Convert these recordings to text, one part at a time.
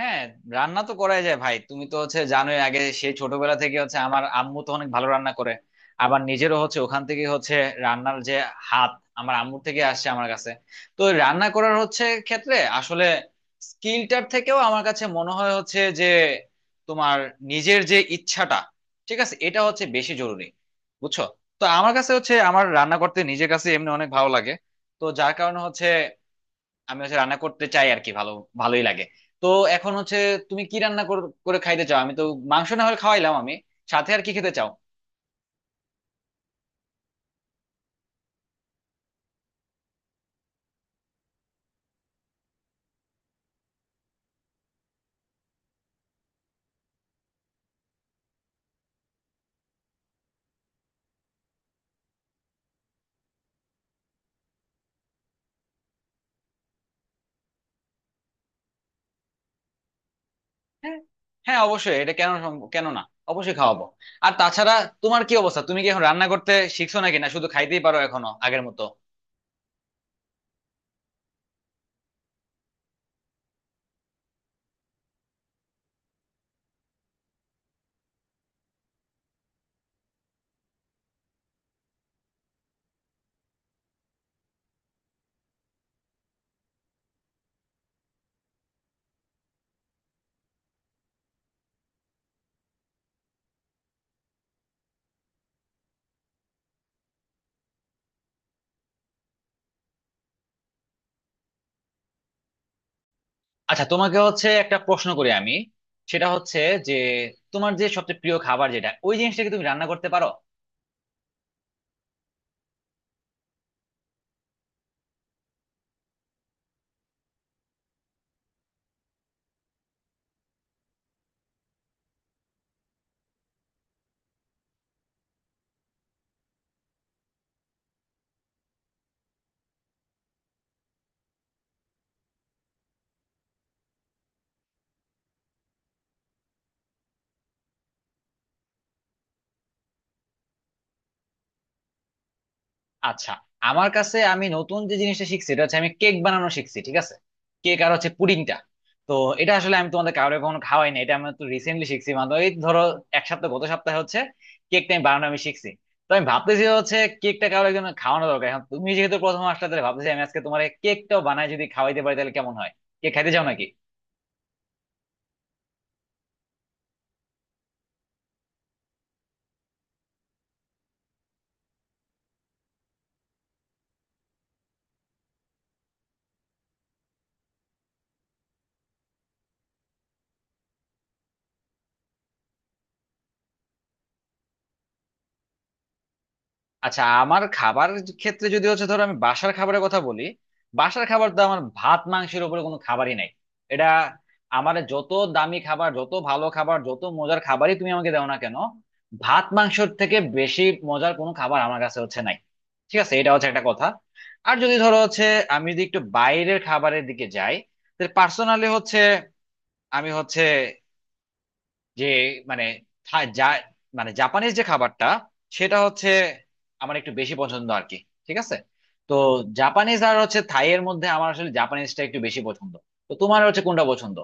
হ্যাঁ, রান্না তো করাই যায় ভাই। তুমি তো হচ্ছে জানোই, আগে সেই ছোটবেলা থেকে হচ্ছে আমার আম্মু তো অনেক ভালো রান্না করে। আবার নিজেরও হচ্ছে ওখান থেকে হচ্ছে রান্নার যে হাত আমার আম্মুর থেকে আসছে আমার কাছে। তো ওই রান্না করার হচ্ছে ক্ষেত্রে আসলে স্কিলটার থেকেও আমার কাছে মনে হয় হচ্ছে যে তোমার নিজের যে ইচ্ছাটা, ঠিক আছে, এটা হচ্ছে বেশি জরুরি, বুঝছো। তো আমার কাছে হচ্ছে আমার রান্না করতে নিজের কাছে এমনি অনেক ভালো লাগে। তো যার কারণে হচ্ছে আমি হচ্ছে রান্না করতে চাই আর কি, ভালো ভালোই লাগে। তো এখন হচ্ছে তুমি কি রান্না করে খাইতে চাও? আমি তো মাংস না হলে খাওয়াইলাম আমি, সাথে আর কি খেতে চাও? হ্যাঁ, হ্যাঁ অবশ্যই, এটা কেন কেন না, অবশ্যই খাওয়াবো। আর তাছাড়া তোমার কি অবস্থা, তুমি কি এখন রান্না করতে শিখছো নাকি, না শুধু খাইতেই পারো এখনো আগের মতো? আচ্ছা তোমাকে হচ্ছে একটা প্রশ্ন করি আমি, সেটা হচ্ছে যে তোমার যে সবচেয়ে প্রিয় খাবার যেটা ওই জিনিসটা কি তুমি রান্না করতে পারো? আচ্ছা, আমার কাছে আমি নতুন যে জিনিসটা শিখছি এটা হচ্ছে আমি কেক বানানো শিখছি, ঠিক আছে। কেক আর হচ্ছে পুডিংটা। তো এটা আসলে আমি তোমাদের কাউরে কখনো খাওয়াই না, এটা আমি তো রিসেন্টলি শিখছি, মানে ওই ধরো এক সপ্তাহ, গত সপ্তাহে হচ্ছে কেকটা আমি বানানো আমি শিখছি। তো আমি ভাবতেছি হচ্ছে কেকটা কারো একজন খাওয়ানো দরকার, এখন তুমি যেহেতু প্রথম আসলে তাহলে ভাবতেছি আমি আজকে তোমার কেকটাও বানায় যদি খাওয়াইতে পারি তাহলে কেমন হয়। কেক খাইতে চাও নাকি? আচ্ছা, আমার খাবার ক্ষেত্রে যদি হচ্ছে ধরো আমি বাসার খাবারের কথা বলি, বাসার খাবার তো আমার ভাত মাংসের উপরে কোনো খাবারই নাই। এটা, আমার যত দামি খাবার, যত ভালো খাবার, যত মজার খাবারই তুমি আমাকে দাও না কেন, ভাত মাংসের থেকে বেশি মজার কোনো খাবার আমার কাছে হচ্ছে নাই। ঠিক আছে, এটা হচ্ছে একটা কথা। আর যদি ধরো হচ্ছে আমি যদি একটু বাইরের খাবারের দিকে যাই, তাহলে পার্সোনালি হচ্ছে আমি হচ্ছে যে, মানে, যা, মানে জাপানিজ যে খাবারটা সেটা হচ্ছে আমার একটু বেশি পছন্দ আর কি, ঠিক আছে। তো জাপানিজ আর হচ্ছে থাই এর মধ্যে আমার আসলে জাপানিজটা একটু বেশি পছন্দ। তো তোমার হচ্ছে কোনটা পছন্দ?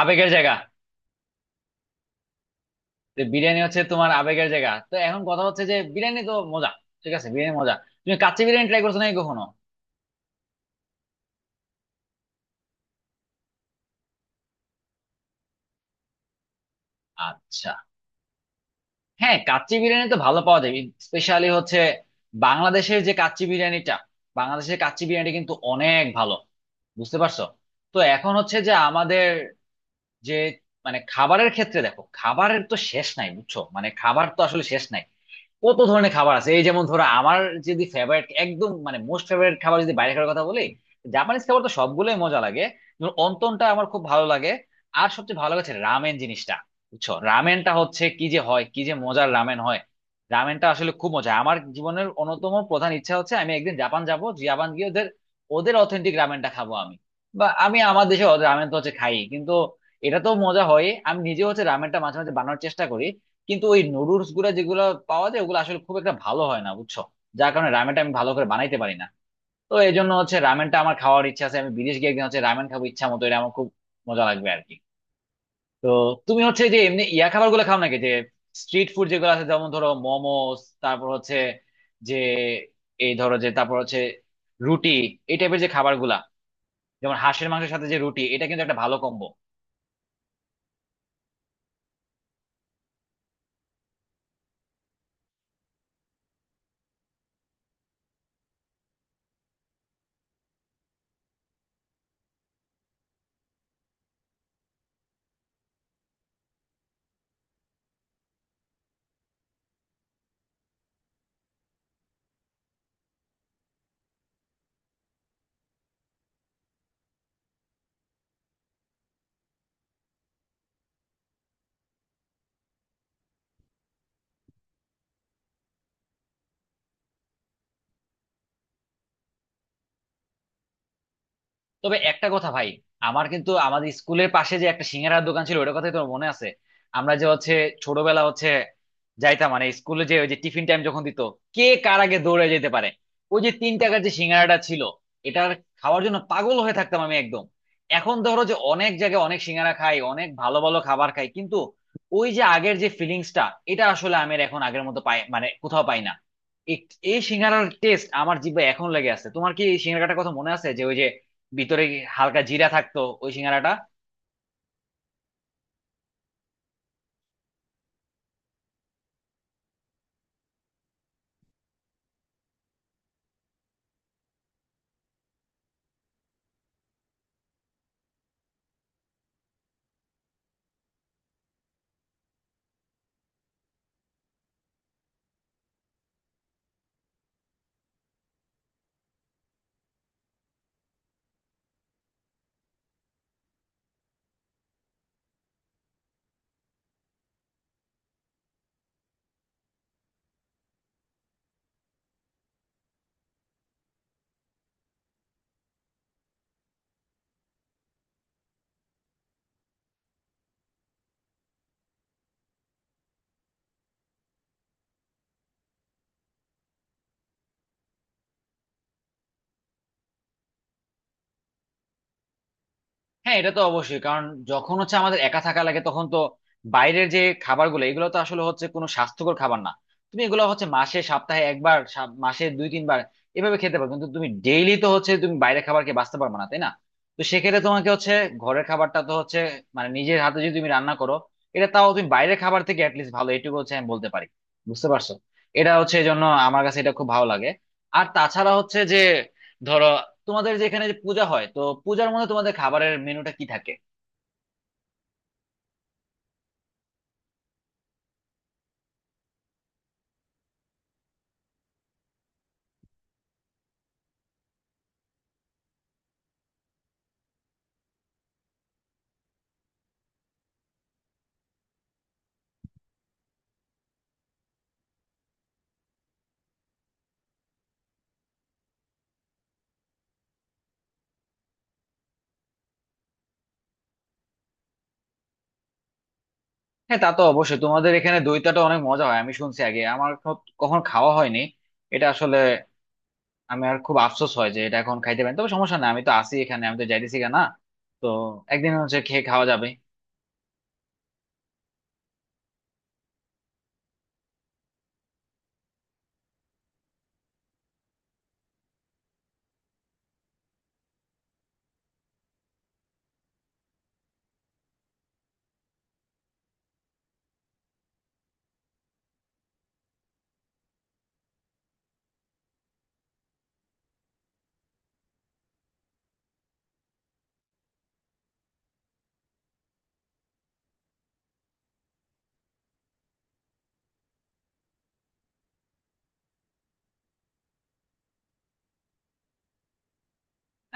আবেগের জায়গা। তো বিরিয়ানি হচ্ছে তোমার আবেগের জায়গা, তো এখন কথা হচ্ছে যে বিরিয়ানি তো মজা। ঠিক আছে, বিরিয়ানি মজা। তুমি কাচ্চি বিরিয়ানি ট্রাই করছো নাকি কখনো? আচ্ছা, হ্যাঁ, কাচ্চি বিরিয়ানি তো ভালো পাওয়া যায়। স্পেশালি হচ্ছে বাংলাদেশের যে কাচ্চি বিরিয়ানিটা, বাংলাদেশের কাচ্চি বিরিয়ানি কিন্তু অনেক ভালো, বুঝতে পারছো। তো এখন হচ্ছে যে আমাদের যে, মানে, খাবারের ক্ষেত্রে দেখো খাবারের তো শেষ নাই বুঝছো, মানে খাবার তো আসলে শেষ নাই। কত ধরনের খাবার আছে, এই যেমন ধরো আমার যদি ফেভারিট, একদম মানে মোস্ট ফেভারিট খাবার যদি বাইরে খাওয়ার কথা বলি, জাপানিজ খাবার তো সবগুলোই মজা লাগে। যেমন অন্তনটা আমার খুব ভালো লাগে, আর সবচেয়ে ভালো লাগছে রামেন জিনিসটা, বুঝছো। রামেনটা হচ্ছে কি যে হয়, কি যে মজার রামেন হয়। রামেনটা আসলে খুব মজা। আমার জীবনের অন্যতম প্রধান ইচ্ছা হচ্ছে আমি একদিন জাপান যাব, জাপান গিয়ে ওদের ওদের অথেন্টিক রামেনটা খাবো আমি। বা আমি আমার দেশে রামেন তো হচ্ছে খাই কিন্তু এটা তো মজা হয়। আমি নিজে হচ্ছে রামেনটা মাঝে মাঝে বানানোর চেষ্টা করি, কিন্তু ওই নুডলস গুলা যেগুলো পাওয়া যায় ওগুলো আসলে খুব একটা ভালো হয় না, বুঝছো, যার কারণে রামেনটা আমি ভালো করে বানাইতে পারি না। তো এই জন্য হচ্ছে রামেনটা আমার খাওয়ার ইচ্ছা আছে, আমি বিদেশ গিয়ে একদিন হচ্ছে রামেন খাবো ইচ্ছা মতো, এটা আমার খুব মজা লাগবে আর কি। তো তুমি হচ্ছে যে এমনি ইয়া খাবার গুলো খাও নাকি, যে স্ট্রিট ফুড যেগুলো আছে, যেমন ধরো মোমোস, তারপর হচ্ছে যে, এই ধরো যে, তারপর হচ্ছে রুটি, এই টাইপের যে খাবার গুলা, যেমন হাঁসের মাংসের সাথে যে রুটি, এটা কিন্তু একটা ভালো কম্বো। তবে একটা কথা ভাই, আমার কিন্তু আমাদের স্কুলের পাশে যে একটা সিঙ্গারার দোকান ছিল ওটার কথাই তোর মনে আছে? আমরা যে হচ্ছে ছোটবেলা হচ্ছে যাইতাম, মানে স্কুলে যে ওই যে টিফিন টাইম যখন দিত, কে কার আগে দৌড়ে যেতে পারে, ওই যে 3 টাকার যে সিঙ্গারাটা ছিল এটার খাওয়ার জন্য পাগল হয়ে থাকতাম আমি একদম। এখন ধরো যে অনেক জায়গায় অনেক সিঙ্গারা খাই, অনেক ভালো ভালো খাবার খাই, কিন্তু ওই যে আগের যে ফিলিংসটা এটা আসলে আমি আর এখন আগের মতো পাই, মানে কোথাও পাই না। এই এই সিঙ্গারার টেস্ট আমার জিভে এখন লেগে আছে। তোমার কি এই সিঙ্গারাটার কথা মনে আছে, যে ওই যে ভিতরে হালকা জিরা থাকতো ওই সিঙ্গারাটা? হ্যাঁ এটা তো অবশ্যই, কারণ যখন হচ্ছে আমাদের একা থাকা লাগে তখন তো বাইরের যে খাবারগুলো এগুলো তো আসলে হচ্ছে কোনো স্বাস্থ্যকর খাবার না। তুমি এগুলো হচ্ছে মাসে সপ্তাহে একবার, মাসে দুই তিনবার এভাবে খেতে পারো, কিন্তু তুমি ডেইলি তো হচ্ছে তুমি বাইরের খাবার খেয়ে বাঁচতে পারবে না, তাই না? তো সেক্ষেত্রে তোমাকে হচ্ছে ঘরের খাবারটা তো হচ্ছে, মানে নিজের হাতে যদি তুমি রান্না করো, এটা তাও তুমি বাইরের খাবার থেকে অ্যাটলিস্ট ভালো, এটুকু হচ্ছে আমি বলতে পারি, বুঝতে পারছো। এটা হচ্ছে এই জন্য আমার কাছে এটা খুব ভালো লাগে। আর তাছাড়া হচ্ছে যে ধরো তোমাদের যে এখানে যে পূজা হয়, তো পূজার মধ্যে তোমাদের খাবারের মেনুটা কি থাকে? হ্যাঁ তা তো অবশ্যই, তোমাদের এখানে দইটাটা অনেক মজা হয় আমি শুনছি, আগে আমার কখনো খাওয়া হয়নি। এটা আসলে আমি আর খুব আফসোস হয় যে এটা এখন খাইতে পারি, তবে সমস্যা না, আমি তো আছি এখানে, আমি তো যাইতেছি গা না। তো একদিন হচ্ছে খেয়ে খাওয়া যাবে।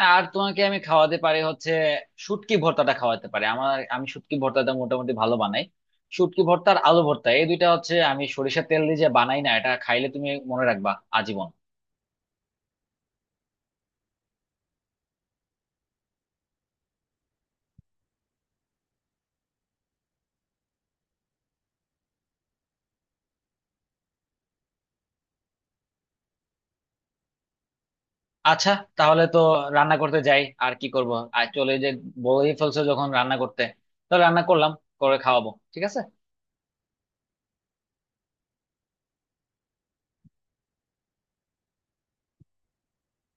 আর তোমাকে আমি খাওয়াতে পারি হচ্ছে শুটকি ভর্তাটা খাওয়াতে পারি। আমি শুটকি ভর্তাটা মোটামুটি ভালো বানাই। শুটকি ভর্তা আর আলু ভর্তা এই দুইটা হচ্ছে আমি সরিষার তেল দিয়ে যে বানাই না, এটা খাইলে তুমি মনে রাখবা আজীবন। আচ্ছা, তাহলে তো রান্না করতে যাই আর কি করব। আর চলে, যে বলেই ফেলছো যখন রান্না করতে, তাহলে রান্না করলাম, করে খাওয়াবো, ঠিক আছে।